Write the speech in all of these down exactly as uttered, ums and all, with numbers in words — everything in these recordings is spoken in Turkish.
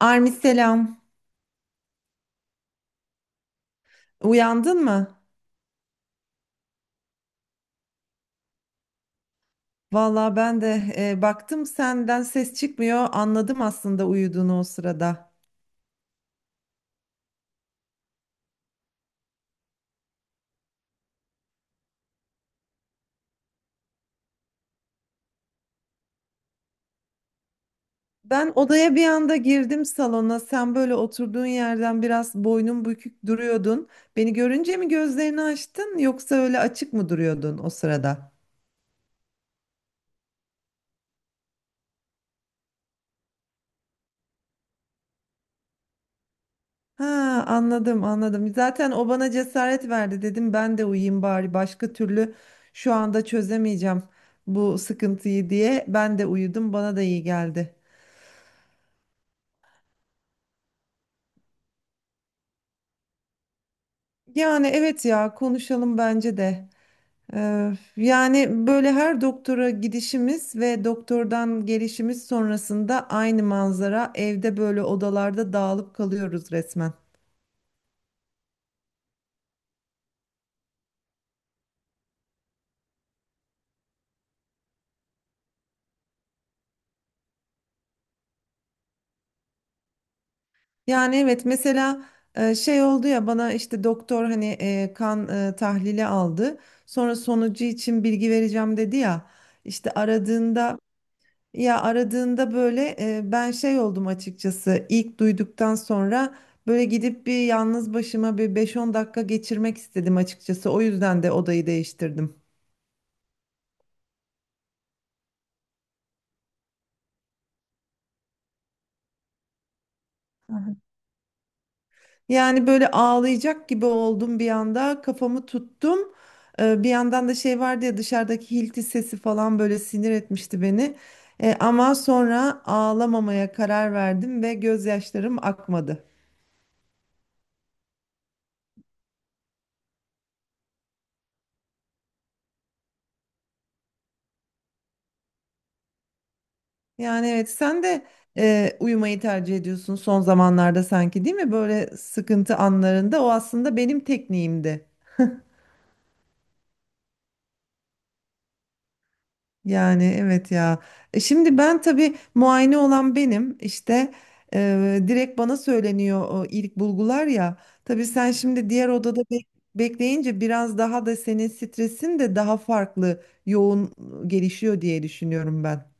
Armi selam. Uyandın mı? Vallahi ben de e, baktım senden ses çıkmıyor. Anladım aslında uyuduğunu o sırada. Ben odaya bir anda girdim salona. Sen böyle oturduğun yerden biraz boynun bükük duruyordun. Beni görünce mi gözlerini açtın yoksa öyle açık mı duruyordun o sırada? Ha, anladım anladım. Zaten o bana cesaret verdi dedim ben de uyuyayım bari başka türlü şu anda çözemeyeceğim bu sıkıntıyı diye. Ben de uyudum, bana da iyi geldi. Yani evet ya, konuşalım bence de. Ee, yani böyle her doktora gidişimiz ve doktordan gelişimiz sonrasında aynı manzara, evde böyle odalarda dağılıp kalıyoruz resmen. Yani evet, mesela e, şey oldu ya, bana işte doktor hani e, kan e, tahlili aldı. Sonra sonucu için bilgi vereceğim dedi ya. İşte aradığında, ya aradığında böyle e, ben şey oldum açıkçası. İlk duyduktan sonra böyle gidip bir yalnız başıma bir beş on dakika geçirmek istedim açıkçası. O yüzden de odayı değiştirdim. Aha. Yani böyle ağlayacak gibi oldum, bir anda kafamı tuttum. Ee, bir yandan da şey vardı ya, dışarıdaki hilti sesi falan böyle sinir etmişti beni. Ee, ama sonra ağlamamaya karar verdim ve gözyaşlarım akmadı. Yani evet, sen de e, uyumayı tercih ediyorsun son zamanlarda sanki, değil mi? Böyle sıkıntı anlarında, o aslında benim tekniğimdi. Yani evet ya. E şimdi ben tabii muayene olan benim, işte e, direkt bana söyleniyor o ilk bulgular ya. Tabii sen şimdi diğer odada bek- bekleyince biraz daha da senin stresin de daha farklı yoğun gelişiyor diye düşünüyorum ben.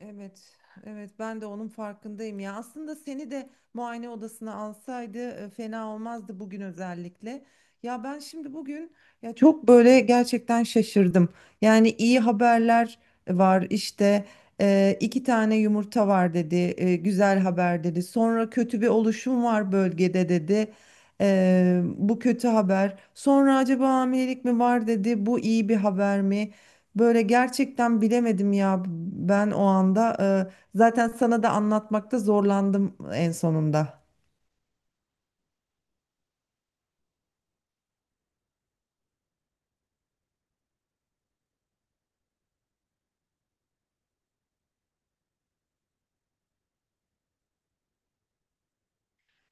Evet, evet ben de onun farkındayım ya. Aslında seni de muayene odasına alsaydı e, fena olmazdı bugün özellikle. Ya ben şimdi bugün ya çok böyle gerçekten şaşırdım. Yani iyi haberler var, işte e, iki tane yumurta var dedi, e, güzel haber dedi. Sonra kötü bir oluşum var bölgede dedi. E, bu kötü haber. Sonra acaba hamilelik mi var dedi. Bu iyi bir haber mi? Böyle gerçekten bilemedim ya ben o anda. Ee, zaten sana da anlatmakta zorlandım en sonunda.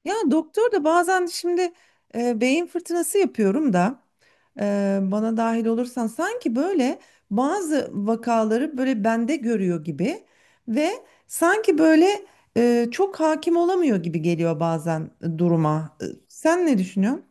Ya doktor da bazen şimdi, e, beyin fırtınası yapıyorum da, e, bana dahil olursan sanki böyle bazı vakaları böyle bende görüyor gibi, ve sanki böyle e, çok hakim olamıyor gibi geliyor bazen e, duruma. E, sen ne düşünüyorsun?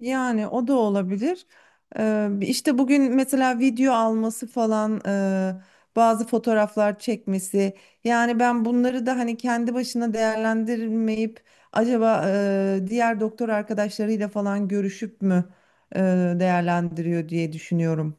Yani o da olabilir. Ee, işte bugün mesela video alması falan, e, bazı fotoğraflar çekmesi. Yani ben bunları da hani kendi başına değerlendirmeyip acaba e, diğer doktor arkadaşlarıyla falan görüşüp mü e, değerlendiriyor diye düşünüyorum.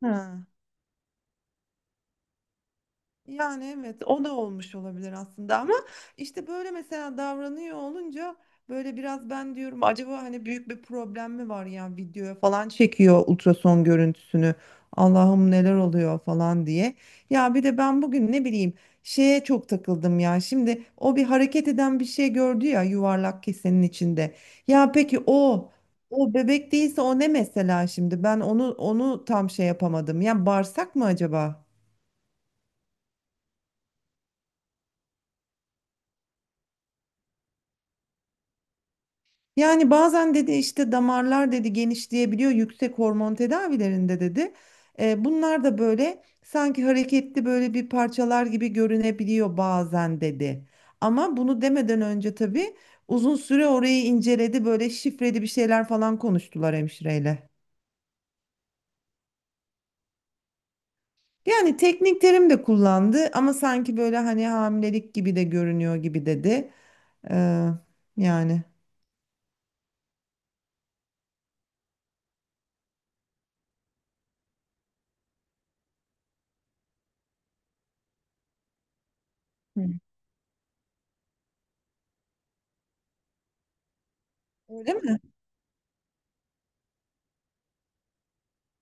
Ha. Yani evet, o da olmuş olabilir aslında, ama işte böyle mesela davranıyor olunca böyle biraz ben diyorum acaba hani büyük bir problem mi var, ya videoya falan çekiyor ultrason görüntüsünü, Allah'ım neler oluyor falan diye. Ya bir de ben bugün ne bileyim, şeye çok takıldım ya. Şimdi o bir hareket eden bir şey gördü ya yuvarlak kesenin içinde. Ya peki o, o bebek değilse o ne mesela? Şimdi ben onu onu tam şey yapamadım ya, bağırsak mı acaba? Yani bazen dedi, işte damarlar dedi genişleyebiliyor yüksek hormon tedavilerinde dedi. E, bunlar da böyle sanki hareketli böyle bir parçalar gibi görünebiliyor bazen dedi. Ama bunu demeden önce tabii uzun süre orayı inceledi, böyle şifreli bir şeyler falan konuştular hemşireyle. Yani teknik terim de kullandı, ama sanki böyle hani hamilelik gibi de görünüyor gibi dedi. Ee, yani hı, öyle mi?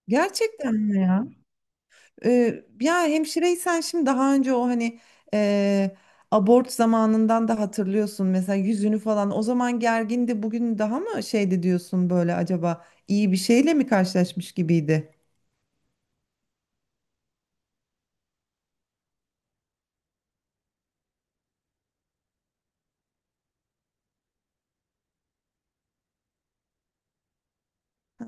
Gerçekten mi ya? Ee, ya hemşireysen şimdi, daha önce o hani e, abort zamanından da hatırlıyorsun mesela yüzünü falan, o zaman gergindi, bugün daha mı şeydi diyorsun böyle, acaba iyi bir şeyle mi karşılaşmış gibiydi? Ha,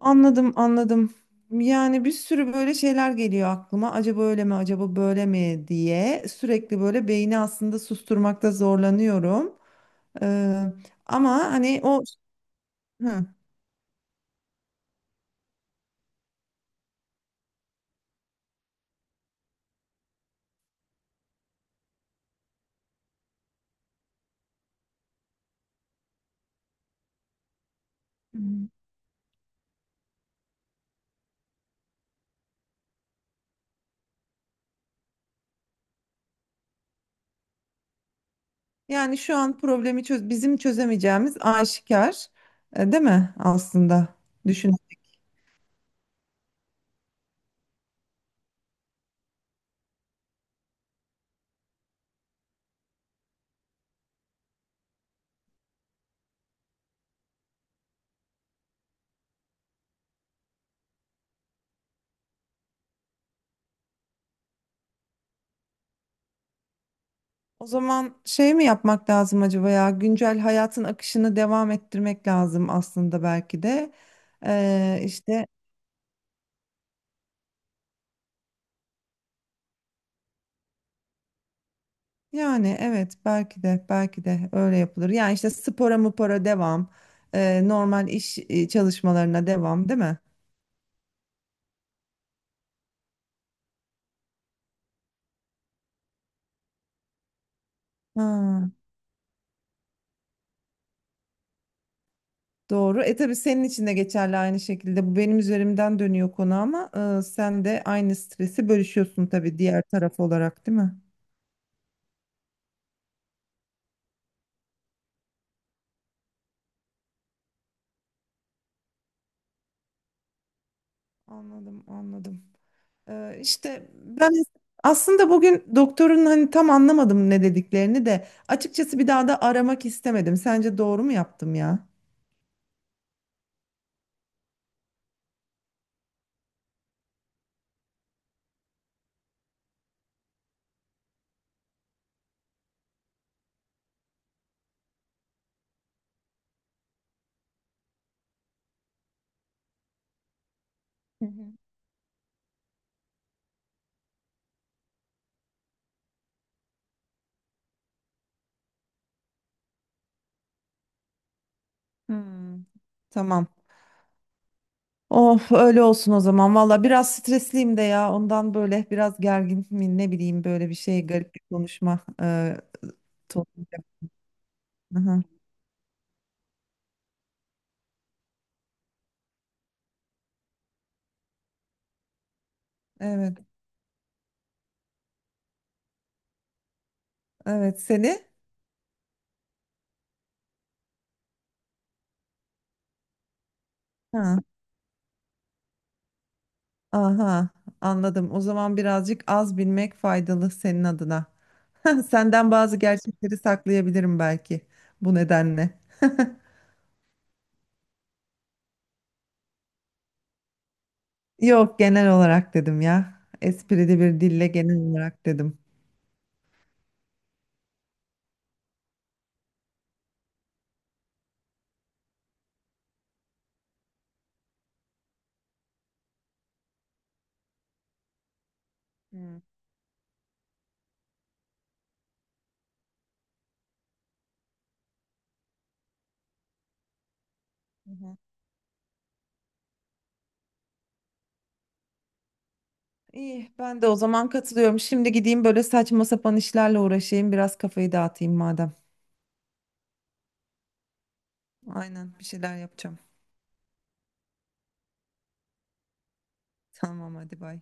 anladım anladım. Yani bir sürü böyle şeyler geliyor aklıma. Acaba öyle mi, acaba böyle mi diye sürekli böyle beyni aslında susturmakta zorlanıyorum. Ee, Ama hani o hı. Yani şu an problemi, çöz bizim çözemeyeceğimiz aşikar, e, değil mi aslında? Düşün. O zaman şey mi yapmak lazım acaba ya? Güncel hayatın akışını devam ettirmek lazım aslında belki de. Ee, işte yani evet, belki de, belki de öyle yapılır. Yani işte spora mupora devam, e, normal iş e, çalışmalarına devam, değil mi? Ha. Doğru. E tabii senin için de geçerli aynı şekilde. Bu benim üzerimden dönüyor konu, ama e, sen de aynı stresi bölüşüyorsun tabii diğer taraf olarak, değil mi? Anladım, anladım. Ee, işte ben aslında bugün doktorun hani tam anlamadım ne dediklerini de açıkçası, bir daha da aramak istemedim. Sence doğru mu yaptım ya? Hı hı. Hmm. Tamam. Of, öyle olsun o zaman. Valla biraz stresliyim de ya. Ondan böyle biraz gergin mi ne bileyim, böyle bir şey, garip bir konuşma e, tonu. Aha, evet. Evet, seni. Ha, aha, anladım. O zaman birazcık az bilmek faydalı senin adına. Senden bazı gerçekleri saklayabilirim belki bu nedenle. Yok, genel olarak dedim ya. Esprili bir dille genel olarak dedim. Hmm. Hı hı. İyi, ben de o zaman katılıyorum. Şimdi gideyim böyle saçma sapan işlerle uğraşayım. Biraz kafayı dağıtayım madem. Aynen, bir şeyler yapacağım. Tamam, hadi bay.